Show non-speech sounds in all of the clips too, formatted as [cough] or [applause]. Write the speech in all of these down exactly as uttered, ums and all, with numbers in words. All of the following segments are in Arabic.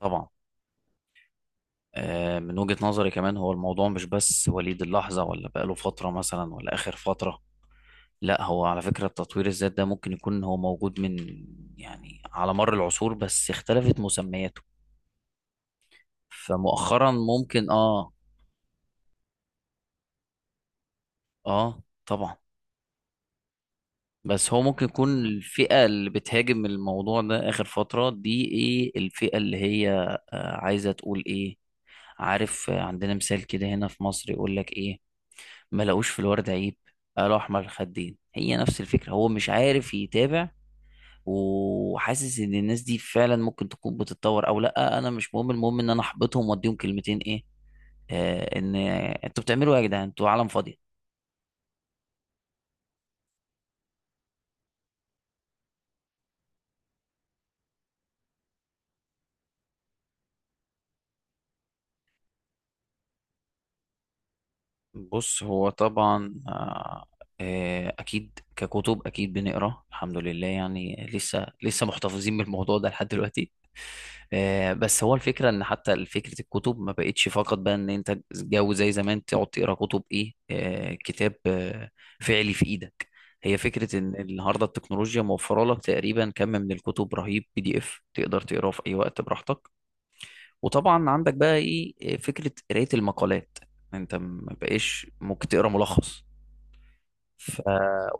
طبعا. آه، من وجهة نظري كمان، هو الموضوع مش بس وليد اللحظة ولا بقاله فترة مثلا ولا آخر فترة. لا، هو على فكرة التطوير الذات ده ممكن يكون هو موجود من، يعني على مر العصور، بس اختلفت مسمياته. فمؤخرا ممكن اه اه طبعا. بس هو ممكن يكون الفئة اللي بتهاجم الموضوع ده آخر فترة دي، ايه الفئة اللي هي آه، عايزة تقول ايه؟ عارف، آه، عندنا مثال كده هنا في مصر يقول لك ايه: ما لقوش في الورد عيب قالوا احمر الخدين. هي نفس الفكره، هو مش عارف يتابع وحاسس ان الناس دي فعلا ممكن تكون بتتطور او لا، انا مش مهم، المهم ان انا احبطهم واديهم كلمتين ايه، آه ان انتوا بتعملوا ايه يا جدعان، انتوا عالم فاضيه. بص، هو طبعا آه، آه، اكيد، ككتب اكيد بنقرا، الحمد لله، يعني لسه لسه محتفظين بالموضوع ده لحد دلوقتي. آه، بس هو الفكره ان حتى فكره الكتب ما بقتش فقط بقى ان انت جو زي زمان تقعد تقرا كتب ايه، آه، كتاب آه، فعلي في ايدك. هي فكره ان النهارده التكنولوجيا موفره لك تقريبا كم من الكتب رهيب، بي دي اف تقدر تقراه في اي وقت براحتك. وطبعا عندك بقى ايه إيه، فكره قرايه المقالات. انت ما بقاش ممكن تقرا ملخص. ف...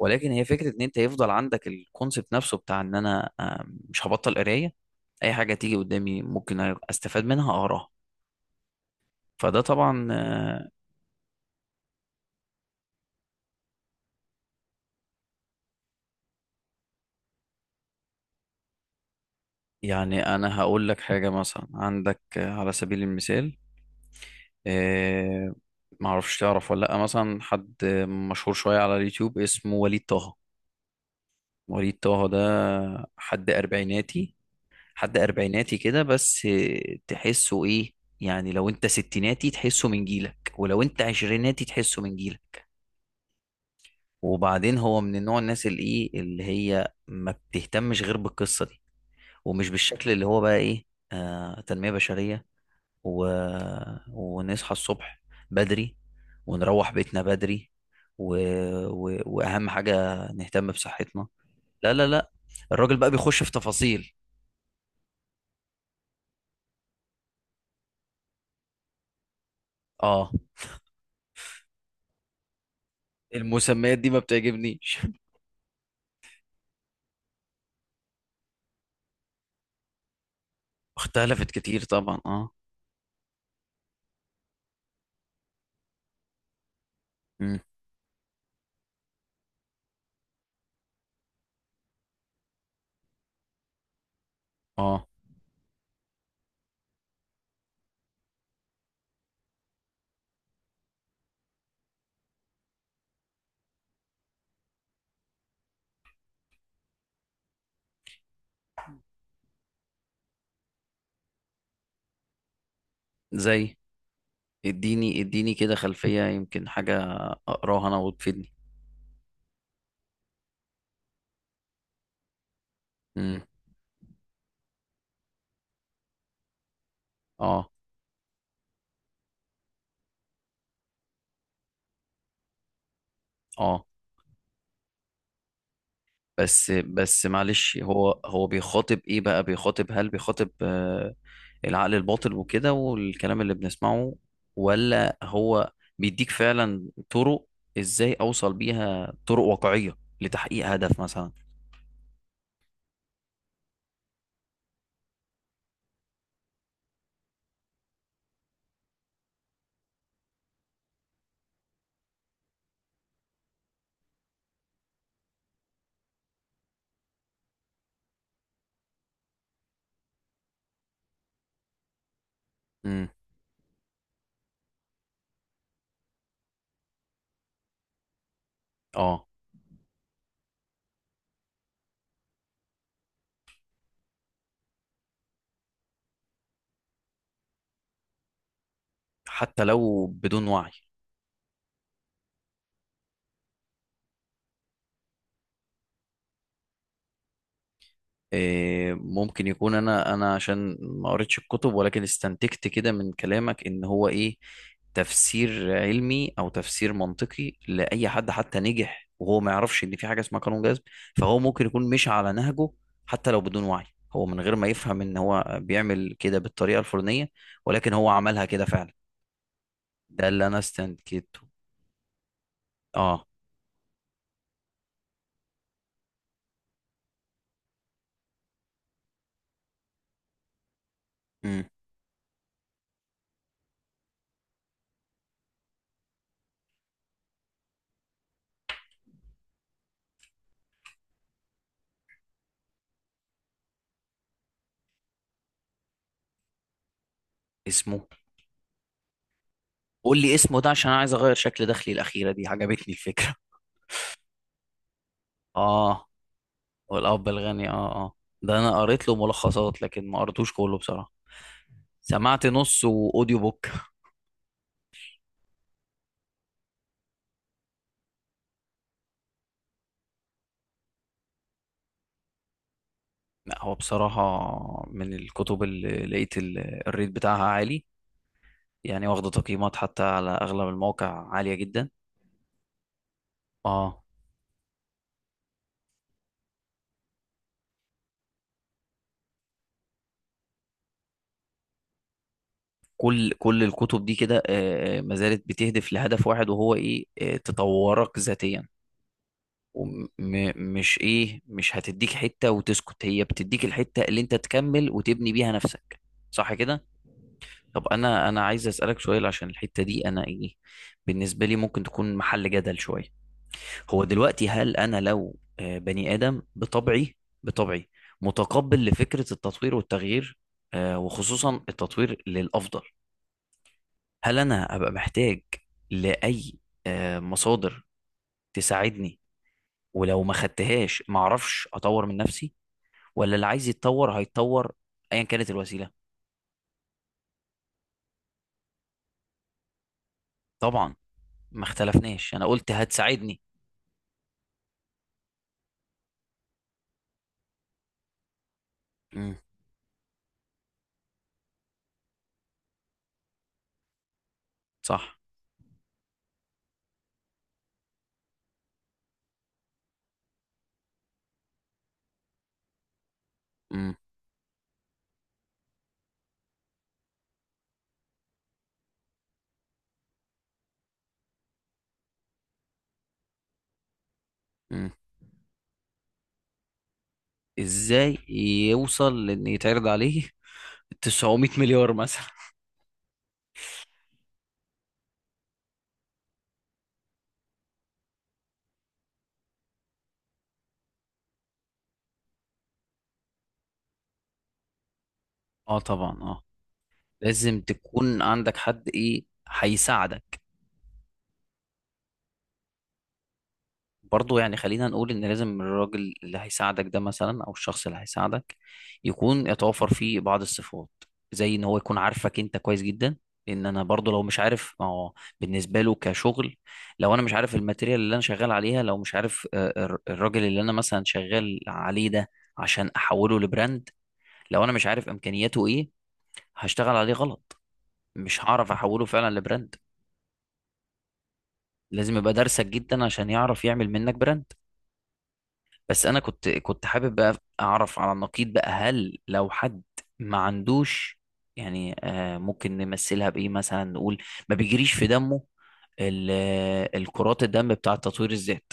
ولكن هي فكره ان انت يفضل عندك الكونسبت نفسه بتاع ان انا آه، مش هبطل قرايه، اي حاجه تيجي قدامي ممكن استفاد منها اقراها. فده طبعا. آه، يعني انا هقول لك حاجه، مثلا عندك آه، على سبيل المثال، آه، معرفش تعرف ولا لا، مثلا حد مشهور شويه على اليوتيوب اسمه وليد طه. وليد طه ده حد أربعيناتي، حد اربعيناتي كده، بس تحسه ايه، يعني لو انت ستيناتي تحسه من جيلك، ولو انت عشريناتي تحسه من جيلك. وبعدين هو من النوع الناس اللي ايه، اللي هي ما بتهتمش غير بالقصة دي، ومش بالشكل اللي هو بقى ايه، آه تنمية بشرية و... ونصحى الصبح بدري، ونروح بيتنا بدري، و... و... واهم حاجة نهتم بصحتنا. لا لا لا، الراجل بقى بيخش في تفاصيل. اه، المسميات دي ما بتعجبنيش. اختلفت كتير طبعا، اه. امم، اه. زي؟ اديني اديني كده خلفية، يمكن حاجة اقراها انا وتفيدني. امم، اه، اه. بس بس معلش، هو هو بيخاطب ايه بقى، بيخاطب، هل بيخاطب آه العقل الباطن وكده، والكلام اللي بنسمعه، ولا هو بيديك فعلا طرق، ازاي اوصل بيها، طرق واقعية لتحقيق هدف مثلا؟ امم، اه. حتى لو بدون وعي. إيه، ممكن يكون انا انا عشان ما قريتش الكتب، ولكن استنتجت كده من كلامك ان هو ايه، تفسير علمي او تفسير منطقي لاي حد حتى نجح وهو ما يعرفش ان في حاجه اسمها قانون جذب، فهو ممكن يكون مش على نهجه، حتى لو بدون وعي، هو من غير ما يفهم ان هو بيعمل كده بالطريقه الفلانيه، ولكن هو عملها كده فعلا. ده اللي انا استنتجته. اه. امم. اسمه؟ قول لي اسمه ده، عشان انا عايز اغير شكل دخلي، الاخيره دي عجبتني الفكره. اه، والاب الغني. اه اه ده انا قريت له ملخصات لكن ما قريتوش كله بصراحه، سمعت نص واوديو بوك. لا، هو بصراحه من الكتب اللي لقيت ال- الريت بتاعها عالي، يعني واخده تقييمات حتى على اغلب المواقع عاليه جدا. اه. كل كل الكتب دي كده آه، آه، ما زالت بتهدف لهدف واحد، وهو ايه، آه، تطورك ذاتيا. ومش ايه، مش هتديك حته وتسكت، هي بتديك الحته اللي انت تكمل وتبني بيها نفسك. صح كده؟ طب انا انا عايز اسالك سؤال عشان الحته دي انا ايه، بالنسبه لي ممكن تكون محل جدل شويه. هو دلوقتي هل انا لو آه، بني ادم بطبعي، بطبعي متقبل لفكره التطوير والتغيير، آه، وخصوصا التطوير للافضل، هل انا هبقى محتاج لاي آه، مصادر تساعدني؟ ولو ما خدتهاش ما اعرفش اطور من نفسي، ولا اللي عايز يتطور هيتطور ايا كانت الوسيله؟ طبعا، ما اختلفناش، انا قلت هتساعدني. امم. صح. مم. مم. ازاي يوصل لان يتعرض عليه 900 مليار مثلا؟ اه، طبعا، اه. لازم تكون عندك حد ايه هيساعدك. برضه، يعني خلينا نقول ان لازم الراجل اللي هيساعدك ده مثلا، او الشخص اللي هيساعدك، يكون يتوفر فيه بعض الصفات، زي ان هو يكون عارفك انت كويس جدا، لان انا برضه لو مش عارف ما هو بالنسبه له كشغل، لو انا مش عارف الماتيريال اللي انا شغال عليها، لو مش عارف آه، الر- الراجل اللي انا مثلا شغال عليه ده عشان احوله لبراند، لو انا مش عارف امكانياته ايه، هشتغل عليه غلط، مش هعرف احوله فعلا لبراند. لازم يبقى دارسك جدا عشان يعرف يعمل منك براند. بس انا كنت كنت حابب بقى اعرف على النقيض بقى، هل لو حد ما عندوش، يعني آه ممكن نمثلها بايه مثلا، نقول ما بيجريش في دمه، ال- آه، الكرات الدم بتاع تطوير الذات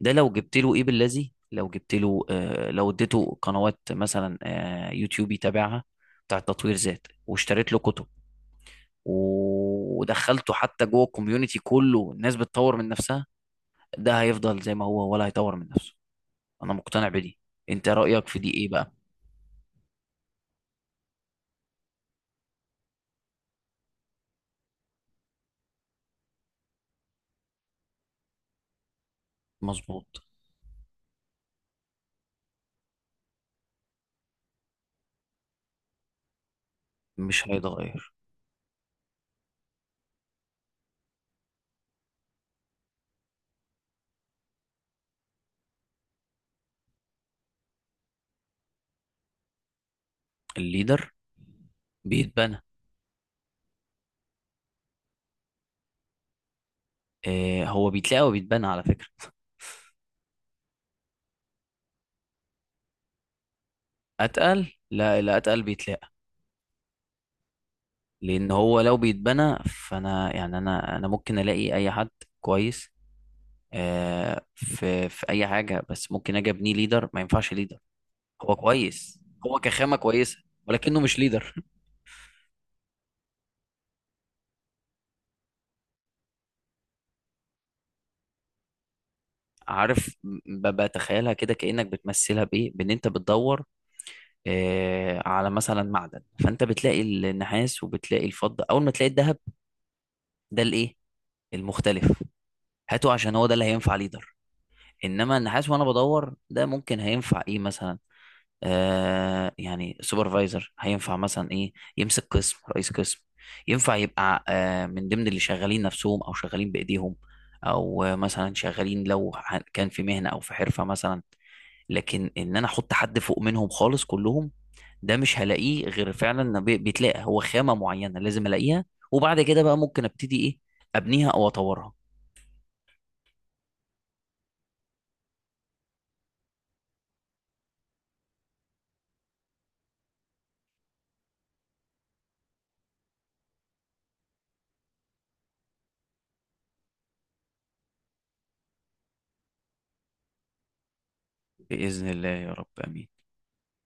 ده، لو جبت له ايه بالذي، لو جبت له آه لو اديته قنوات مثلا، آه يوتيوب يتابعها بتاع تطوير ذات، واشتريت له كتب، ودخلته حتى جوه الكوميونتي كله الناس بتطور من نفسها، ده هيفضل زي ما هو ولا هيطور من نفسه؟ انا مقتنع بدي، انت رأيك في دي ايه بقى؟ مظبوط. مش هيتغير. الليدر بيتبنى. آه هو بيتلاقى وبيتبنى على فكرة [laughs] اتقل؟ لا، اللي اتقل بيتلاقى، لان هو لو بيتبنى، فانا يعني انا انا ممكن الاقي اي حد كويس آه في في اي حاجة، بس ممكن اجي ابنيه ليدر، ما ينفعش ليدر. هو كويس، هو كخامة كويسة، ولكنه مش ليدر. عارف، ب- بتخيلها كده، كأنك بتمثلها بإيه؟ بإن أنت بتدور آه على مثلا معدن، فأنت بتلاقي النحاس وبتلاقي الفضة، أول ما تلاقي الذهب، ده الإيه؟ المختلف، هاته، عشان هو ده اللي هينفع ليدر. إنما النحاس وأنا بدور ده ممكن هينفع إيه مثلا؟ آه يعني سوبرفايزر هينفع مثلا إيه؟ يمسك قسم، رئيس قسم. ينفع يبقى آه من ضمن اللي شغالين نفسهم أو شغالين بإيديهم، أو آه، مثلا شغالين، لو ح- كان في مهنة أو في حرفة مثلا. لكن ان انا احط حد فوق منهم خالص كلهم، ده مش هلاقيه غير فعلا إن بي- بيتلاقى، هو خامة معينة لازم الاقيها، وبعد كده بقى ممكن ابتدي ايه، ابنيها او اطورها. بإذن الله يا رب، امين.